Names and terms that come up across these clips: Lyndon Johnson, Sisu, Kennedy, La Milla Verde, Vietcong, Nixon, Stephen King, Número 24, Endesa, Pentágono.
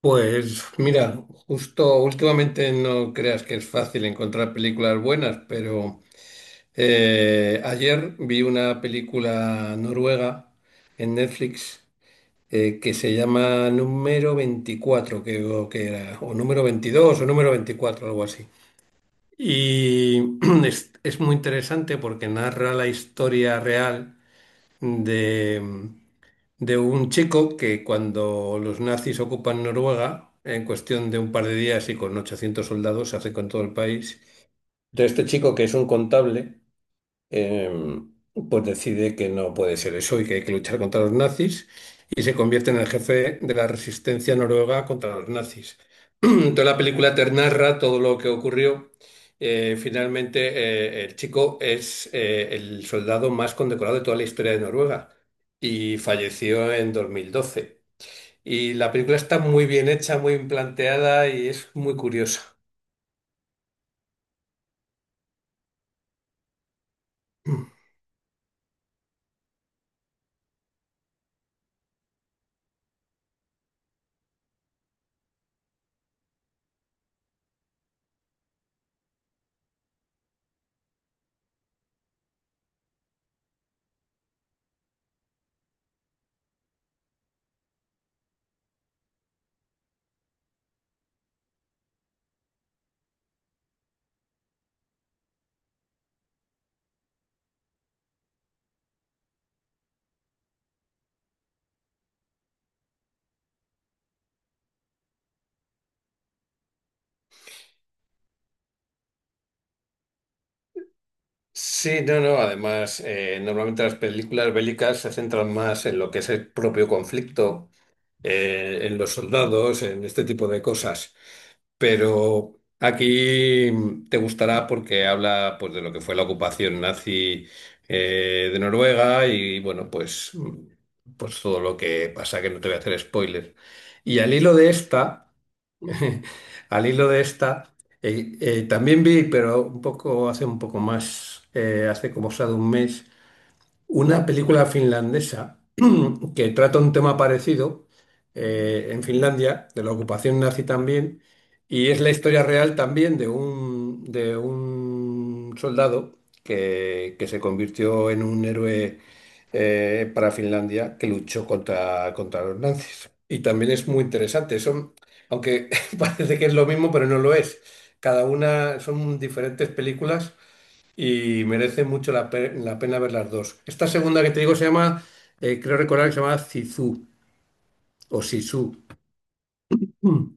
Pues mira, justo últimamente no creas que es fácil encontrar películas buenas, pero ayer vi una película noruega en Netflix, que se llama Número 24, creo que era, o Número 22 o Número 24, algo así. Y es muy interesante porque narra la historia real de, de un chico que cuando los nazis ocupan Noruega, en cuestión de un par de días y con 800 soldados, se hace con todo el país. De este chico que es un contable, em, pues decide que no puede ser eso y que hay que luchar contra los nazis y se convierte en el jefe de la resistencia noruega contra los nazis. Toda la película te narra todo lo que ocurrió. Finalmente, el chico es el soldado más condecorado de toda la historia de Noruega y falleció en 2012. Y la película está muy bien hecha, muy bien planteada y es muy curiosa. Sí, no, no. Además, normalmente las películas bélicas se centran más en lo que es el propio conflicto, en los soldados, en este tipo de cosas. Pero aquí te gustará porque habla, pues, de lo que fue la ocupación nazi de Noruega. Y bueno, pues, pues todo lo que pasa, que no te voy a hacer spoiler. Y al hilo de esta. Al hilo de esta, también vi, pero un poco, hace un poco más, hace como o sea de un mes, una película finlandesa que trata un tema parecido en Finlandia, de la ocupación nazi también, y es la historia real también de un soldado que se convirtió en un héroe para Finlandia, que luchó contra los nazis. Y también es muy interesante, son, aunque parece que es lo mismo, pero no lo es. Cada una son diferentes películas y merece mucho la pena ver las dos. Esta segunda que te digo se llama, creo recordar que se llama Zizou o Sisu. Mm,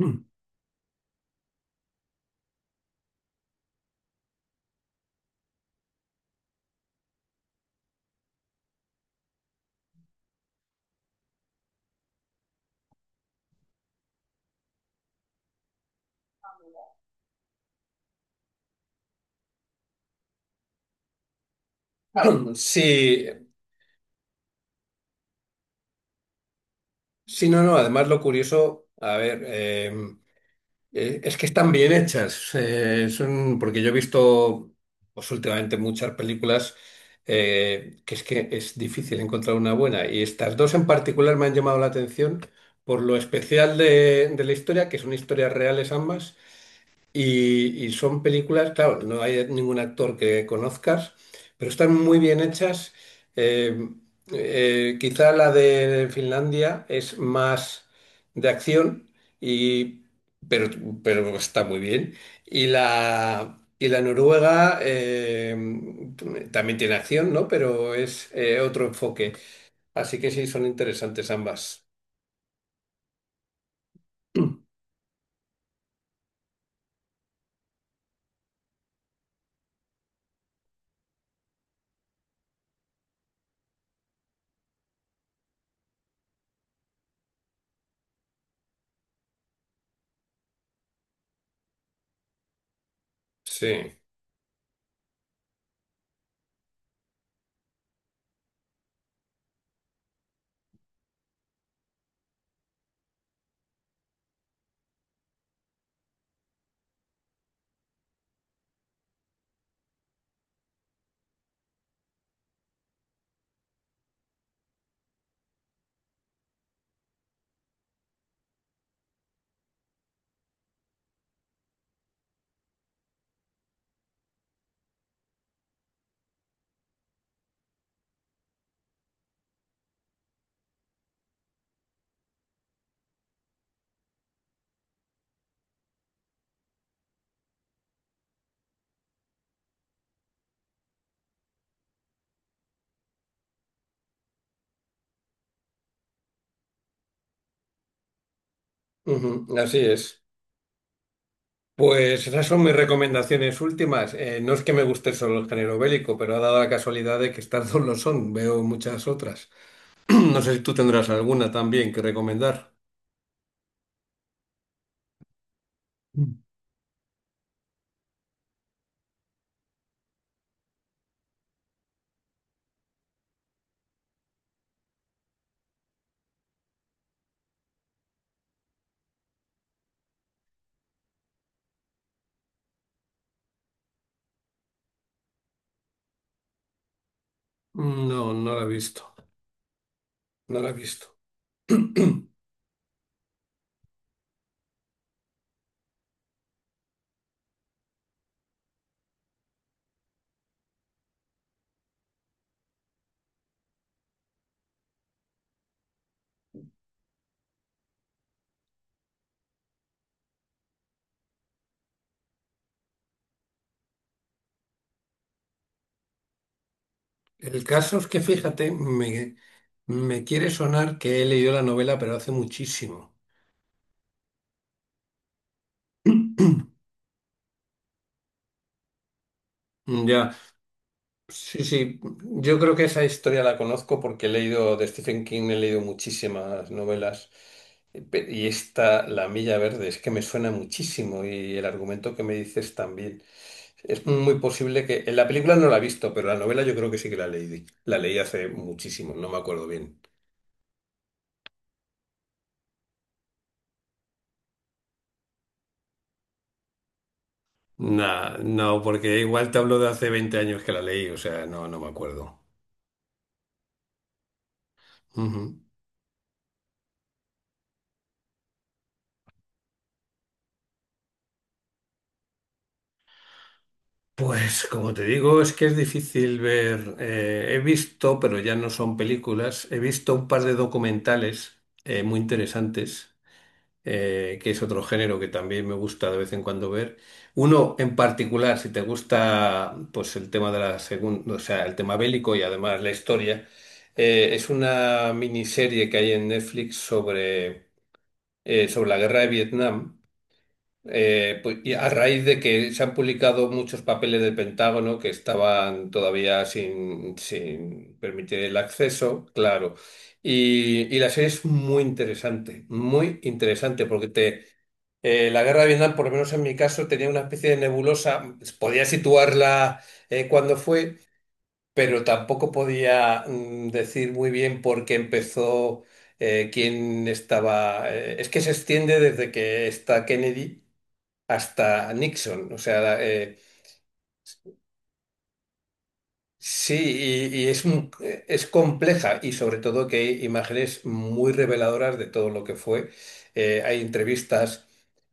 mm. Sí, sí, no, no. Además, lo curioso, a ver, es que están bien hechas. Son, porque yo he visto, pues últimamente, muchas películas, que es difícil encontrar una buena. Y estas dos en particular me han llamado la atención por lo especial de la historia, que son historias reales ambas. Y son películas, claro, no hay ningún actor que conozcas, pero están muy bien hechas. Eh, Quizá la de Finlandia es más de acción, y, pero, pero está muy bien. Y la noruega, también tiene acción, ¿no? Pero es, otro enfoque. Así que sí, son interesantes ambas. Sí, ujú, así es. Pues esas son mis recomendaciones últimas. No es que me guste solo el género bélico, pero ha dado la casualidad de que estas dos lo son. Veo muchas otras. No sé si tú tendrás alguna también que recomendar. Mm. No, no la he visto. No la he visto. El caso es que, fíjate, me quiere sonar que he leído la novela, pero hace muchísimo. Ya. Sí, sí, yo creo que esa historia la conozco porque he leído de Stephen King, he leído muchísimas novelas. Y esta, La Milla Verde, es que me suena muchísimo, y el argumento que me dices también. Es muy posible que... En la película no la he visto, pero la novela yo creo que sí que la leí. La leí hace muchísimo, no me acuerdo bien. Nah, no, porque igual te hablo de hace 20 años que la leí. O sea, no, no me acuerdo. Pues como te digo, es que es difícil ver. He visto, pero ya no son películas, he visto un par de documentales muy interesantes, que es otro género que también me gusta de vez en cuando ver. Uno en particular, si te gusta pues el tema de la segunda, o sea, el tema bélico y además la historia, es una miniserie que hay en Netflix sobre, sobre la guerra de Vietnam. Pues, y a raíz de que se han publicado muchos papeles del Pentágono que estaban todavía sin permitir el acceso, claro. Y la serie es muy interesante, porque te, la guerra de Vietnam, por lo menos en mi caso, tenía una especie de nebulosa, podía situarla cuando fue, pero tampoco podía, decir muy bien por qué empezó, quién estaba. Es que se extiende desde que está Kennedy hasta Nixon. O sea, sí, y es, un- es compleja, y sobre todo que hay imágenes muy reveladoras de todo lo que fue. Hay entrevistas.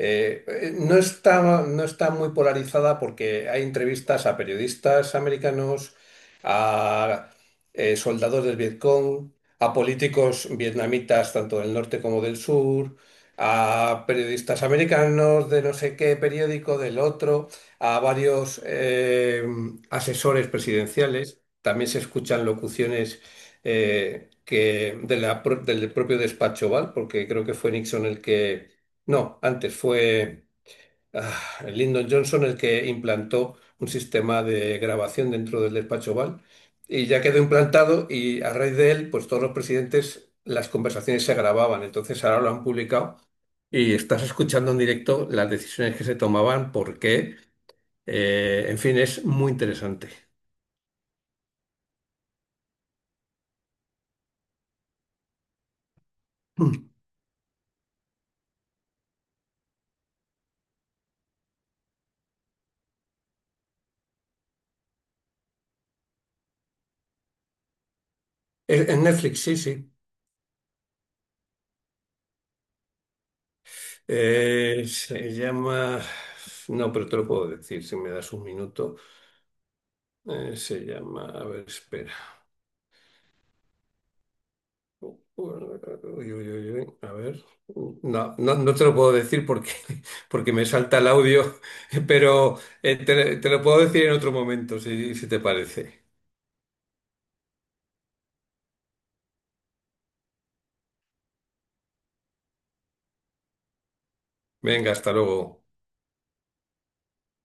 No está, no está muy polarizada porque hay entrevistas a periodistas americanos, a soldados del Vietcong, a políticos vietnamitas tanto del norte como del sur, a periodistas americanos de no sé qué periódico, del otro, a varios asesores presidenciales. También se escuchan locuciones que del propio despacho Oval, porque creo que fue Nixon el que... No, antes fue, Lyndon Johnson, el que implantó un sistema de grabación dentro del despacho Oval, y ya quedó implantado, y a raíz de él, pues todos los presidentes, las conversaciones se grababan. Entonces ahora lo han publicado. Y estás escuchando en directo las decisiones que se tomaban, por qué, en fin, es muy interesante. Mm. En Netflix, sí, sí. Se llama... No, pero te lo puedo decir si me das un minuto. Se llama... A ver, espera. Uy, uy, uy, uy. A ver. No, no, no te lo puedo decir porque, porque me salta el audio, pero te lo puedo decir en otro momento, si te parece. Venga, hasta luego.